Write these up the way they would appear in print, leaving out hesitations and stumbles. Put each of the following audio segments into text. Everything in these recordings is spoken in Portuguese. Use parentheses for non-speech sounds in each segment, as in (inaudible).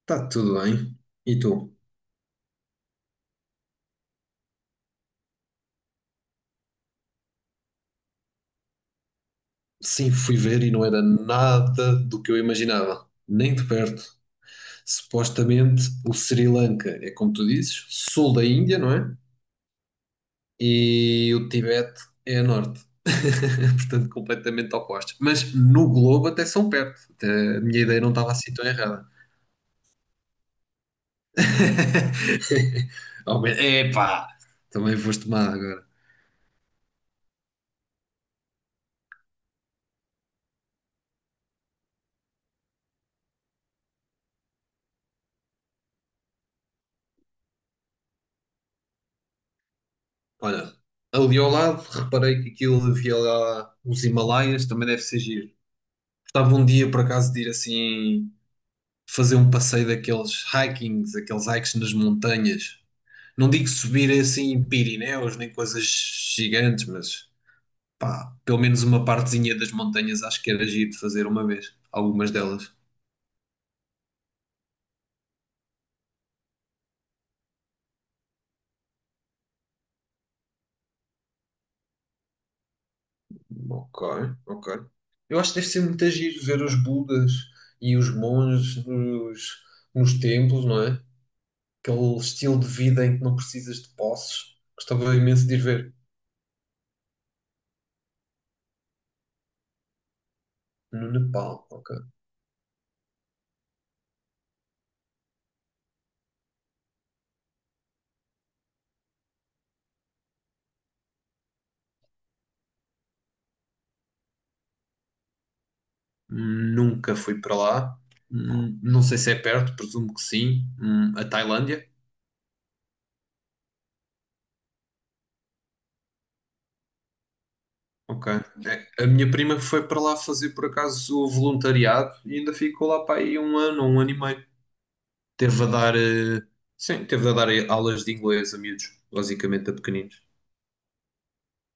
Está tudo bem. E tu? Sim, fui ver e não era nada do que eu imaginava, nem de perto. Supostamente o Sri Lanka é como tu dizes, sul da Índia, não é? E o Tibete é a norte. (laughs) Portanto, completamente opostos. Mas no globo até são perto. Até a minha ideia não estava assim tão errada. (laughs) Epá! Também foste má agora. Olha, ali ao lado reparei que aquilo havia lá os Himalaias, também deve ser giro. Gostava um dia, por acaso, de ir assim fazer um passeio daqueles hikings, aqueles hikes nas montanhas. Não digo subir assim em Pirineus nem coisas gigantes, mas pá, pelo menos uma partezinha das montanhas acho que era giro de fazer uma vez. Algumas delas. Ok, ok. Eu acho que deve ser muito giro ver os Budas e os monges nos templos, não é? Aquele estilo de vida em que não precisas de posses. Gostava imenso de ir ver. No Nepal, ok. Nunca fui para lá. Não sei se é perto, presumo que sim. A Tailândia? Ok. A minha prima foi para lá fazer por acaso o voluntariado e ainda ficou lá para aí um ano, um ano e meio. Teve a dar, sim, teve a dar aulas de inglês a miúdos, basicamente a pequeninos.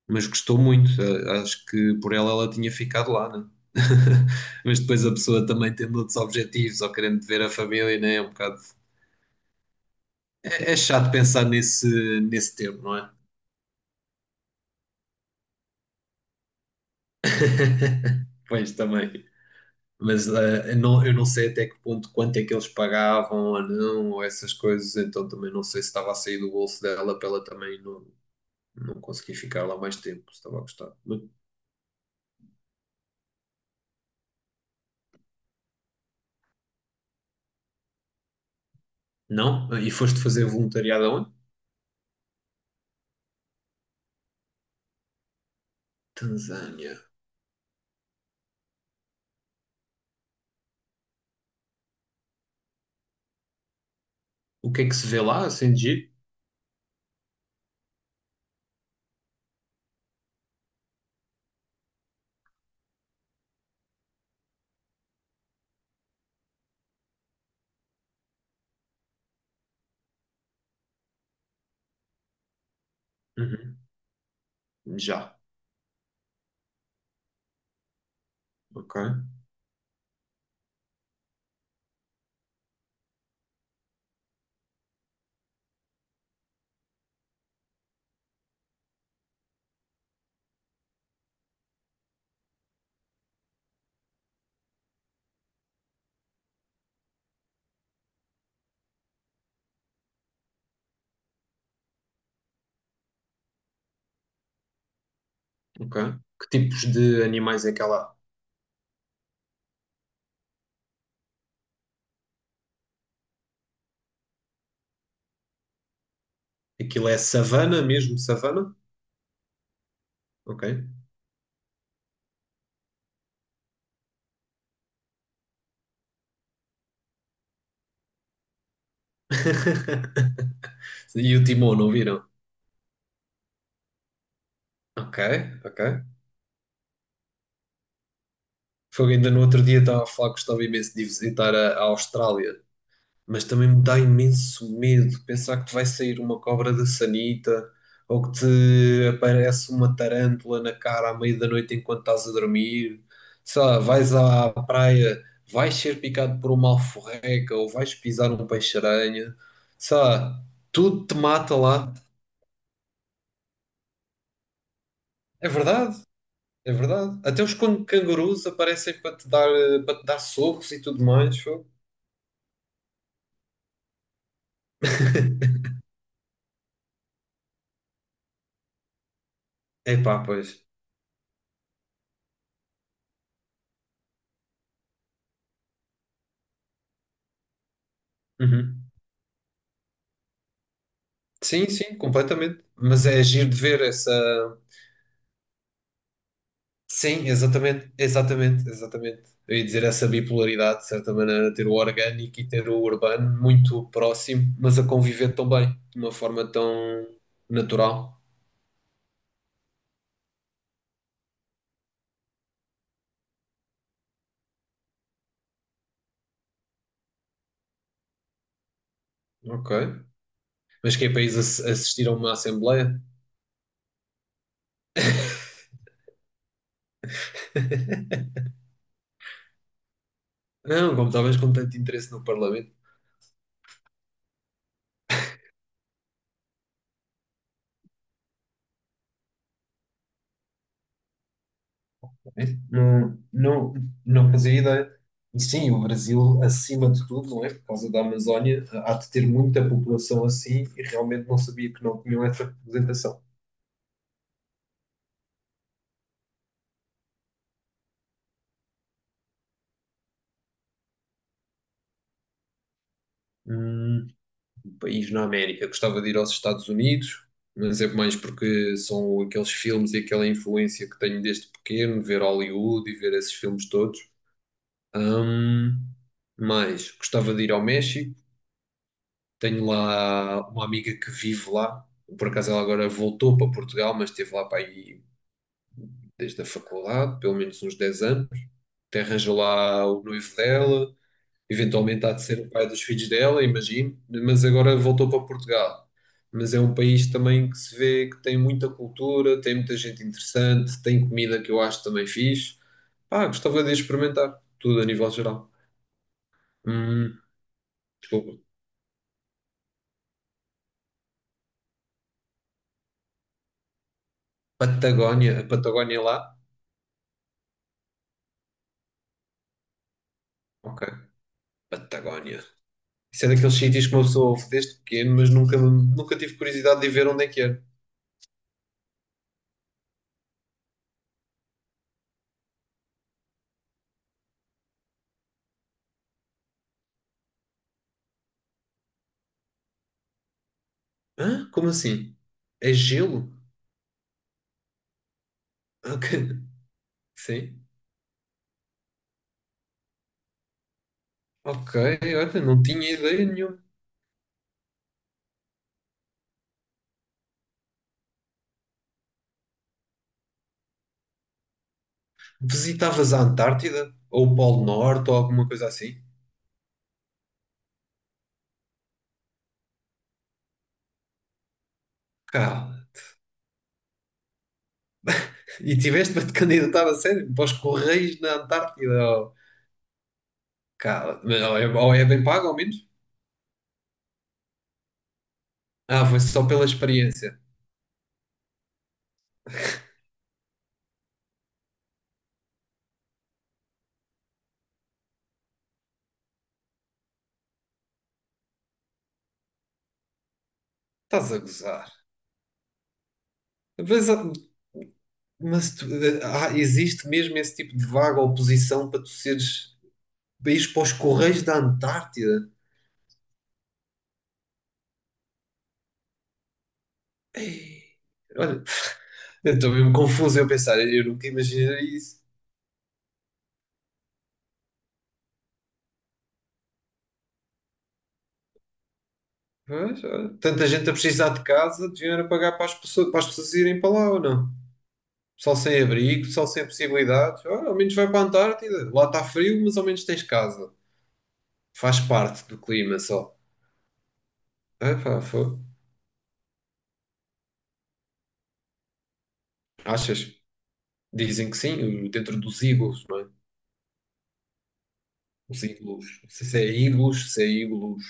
Mas gostou muito. Acho que por ela tinha ficado lá, né? (laughs) Mas depois a pessoa também tendo outros objetivos ou querendo ver a família, né? É um bocado. É chato pensar nesse termo, não é? (laughs) Pois também. Mas eu não sei até que ponto, quanto é que eles pagavam ou não, ou essas coisas, então também não sei se estava a sair do bolso dela para ela também não conseguir ficar lá mais tempo, se estava a gostar. Não? E foste fazer voluntariado aonde? Tanzânia. O que é que se vê lá, assim, de giro? Uhum. Já. Ok, ok. Que tipos de animais é que há lá? Aquilo é savana mesmo, savana? Ok. (laughs) E o Timão, não viram? Ok, ok. Foi ainda no outro dia estava a falar que gostava imenso de visitar a Austrália, mas também me dá imenso medo pensar que te vai sair uma cobra da sanita ou que te aparece uma tarântula na cara à meia da noite enquanto estás a dormir. Sei lá, vais à praia, vais ser picado por uma alforreca ou vais pisar um peixe-aranha. Sei lá, tudo te mata lá. É verdade, é verdade. Até os cangurus aparecem para te dar socos e tudo mais. Fogo. Epá, pois. Uhum. Sim, sim, completamente. Mas é giro de ver essa. Sim, exatamente, exatamente, exatamente. Eu ia dizer essa bipolaridade, de certa maneira, ter o orgânico e ter o urbano muito próximo, mas a conviver tão bem, de uma forma tão natural. Ok. Mas que é para isso assistir a uma assembleia? Não, como talvez com tanto interesse no Parlamento. Né? Não, não, não fazia ideia. E sim, o Brasil, acima de tudo, não é? Por causa da Amazónia, há de ter muita população assim e realmente não sabia que não tinham essa representação. Hum, Um país na América. Gostava de ir aos Estados Unidos, mas é mais porque são aqueles filmes e aquela influência que tenho desde pequeno, ver Hollywood e ver esses filmes todos. Hum, mas gostava de ir ao México. Tenho lá uma amiga que vive lá. Por acaso ela agora voltou para Portugal, mas esteve lá para aí desde a faculdade, pelo menos uns 10 anos. Até arranjou lá o noivo dela, eventualmente há de ser o pai dos filhos dela, imagino, mas agora voltou para Portugal. Mas é um país também que se vê que tem muita cultura, tem muita gente interessante, tem comida que eu acho também fixe. Pá, gostava de experimentar tudo a nível geral. Hum, Desculpa. Patagónia, a Patagónia lá? Ok, Patagónia. Isso é daqueles sítios que uma pessoa ouve desde pequeno, mas nunca, nunca tive curiosidade de ver onde é que era. Hã? Como assim? É gelo? Ok. (laughs) Sim. Ok, olha, não tinha ideia nenhuma. Visitavas a Antártida? Ou o Polo Norte ou alguma coisa assim? Cala. E tiveste para te candidatar a sério? Para os Correios na Antártida? Ou... Cala. Mas ou é bem pago, ao menos? Ah, foi só pela experiência. Estás a gozar. Mas, ah, mas existe mesmo esse tipo de vaga oposição para tu seres país para os Correios da Antártida. Ei, olha, eu estou mesmo confuso eu pensar, eu nunca imaginei isso. Mas, olha, tanta gente a precisar de casa, deviam era pagar para as pessoas, irem para lá ou não? Pessoal sem abrigo, pessoal sem possibilidades. Olha, ao menos vai para a Antártida. Lá está frio, mas ao menos tens casa. Faz parte do clima só. Epá. Achas? Dizem que sim, dentro dos iglus, não é? Os iglus. Não sei se é iglus, se é iglus.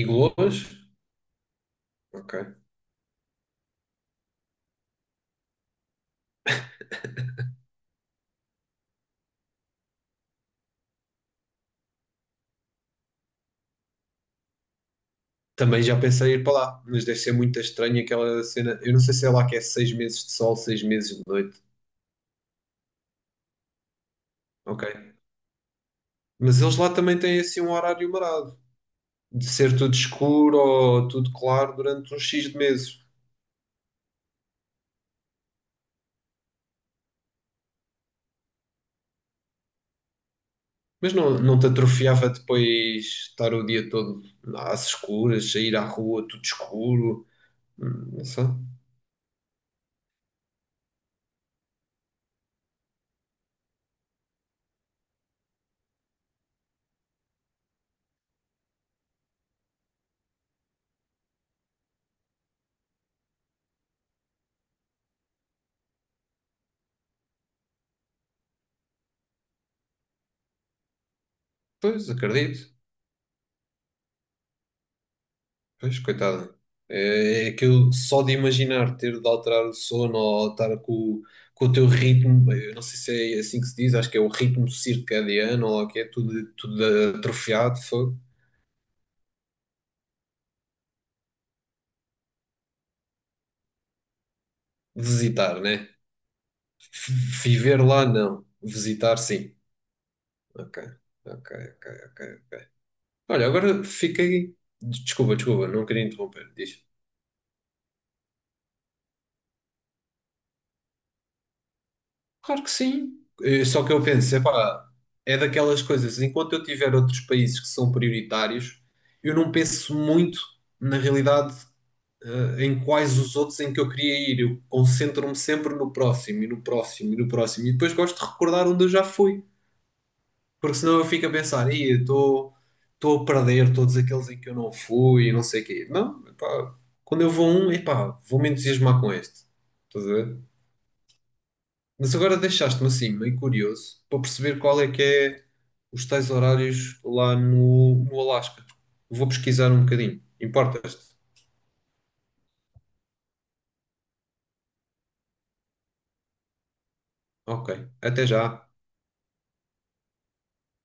Iglus? Ok. Também já pensei em ir para lá, mas deve ser muito estranho aquela cena. Eu não sei se é lá que é 6 meses de sol, 6 meses de noite. Ok. Mas eles lá também têm assim um horário marado, de ser tudo escuro ou tudo claro durante uns X de meses. Mas não te atrofiava depois estar o dia todo às escuras, sair à rua tudo escuro? Não sei. Pois, acredito. Pois, coitada. É aquilo só de imaginar ter de alterar o sono ou estar com o teu ritmo, eu não sei se é assim que se diz, acho que é o ritmo circadiano ou o que é tudo, atrofiado, foi visitar, né? F- Viver lá, não. Visitar, sim. Ok, ok, ok, ok. Olha, agora fiquei. Desculpa, desculpa, não queria interromper. Diz. Claro que sim. Só que eu penso, epá, é daquelas coisas, enquanto eu tiver outros países que são prioritários, eu não penso muito, na realidade, em quais os outros em que eu queria ir. Eu concentro-me sempre no próximo, e no próximo, e no próximo. E depois gosto de recordar onde eu já fui. Porque senão eu fico a pensar, "Ih, eu estou a perder todos aqueles em que eu não fui, e não sei o quê. Não, epá, quando eu vou a um, epá, vou me entusiasmar com este. Mas agora deixaste-me assim meio curioso para perceber qual é que é os tais horários lá no Alasca. Vou pesquisar um bocadinho. Importas-te? Ok, até já.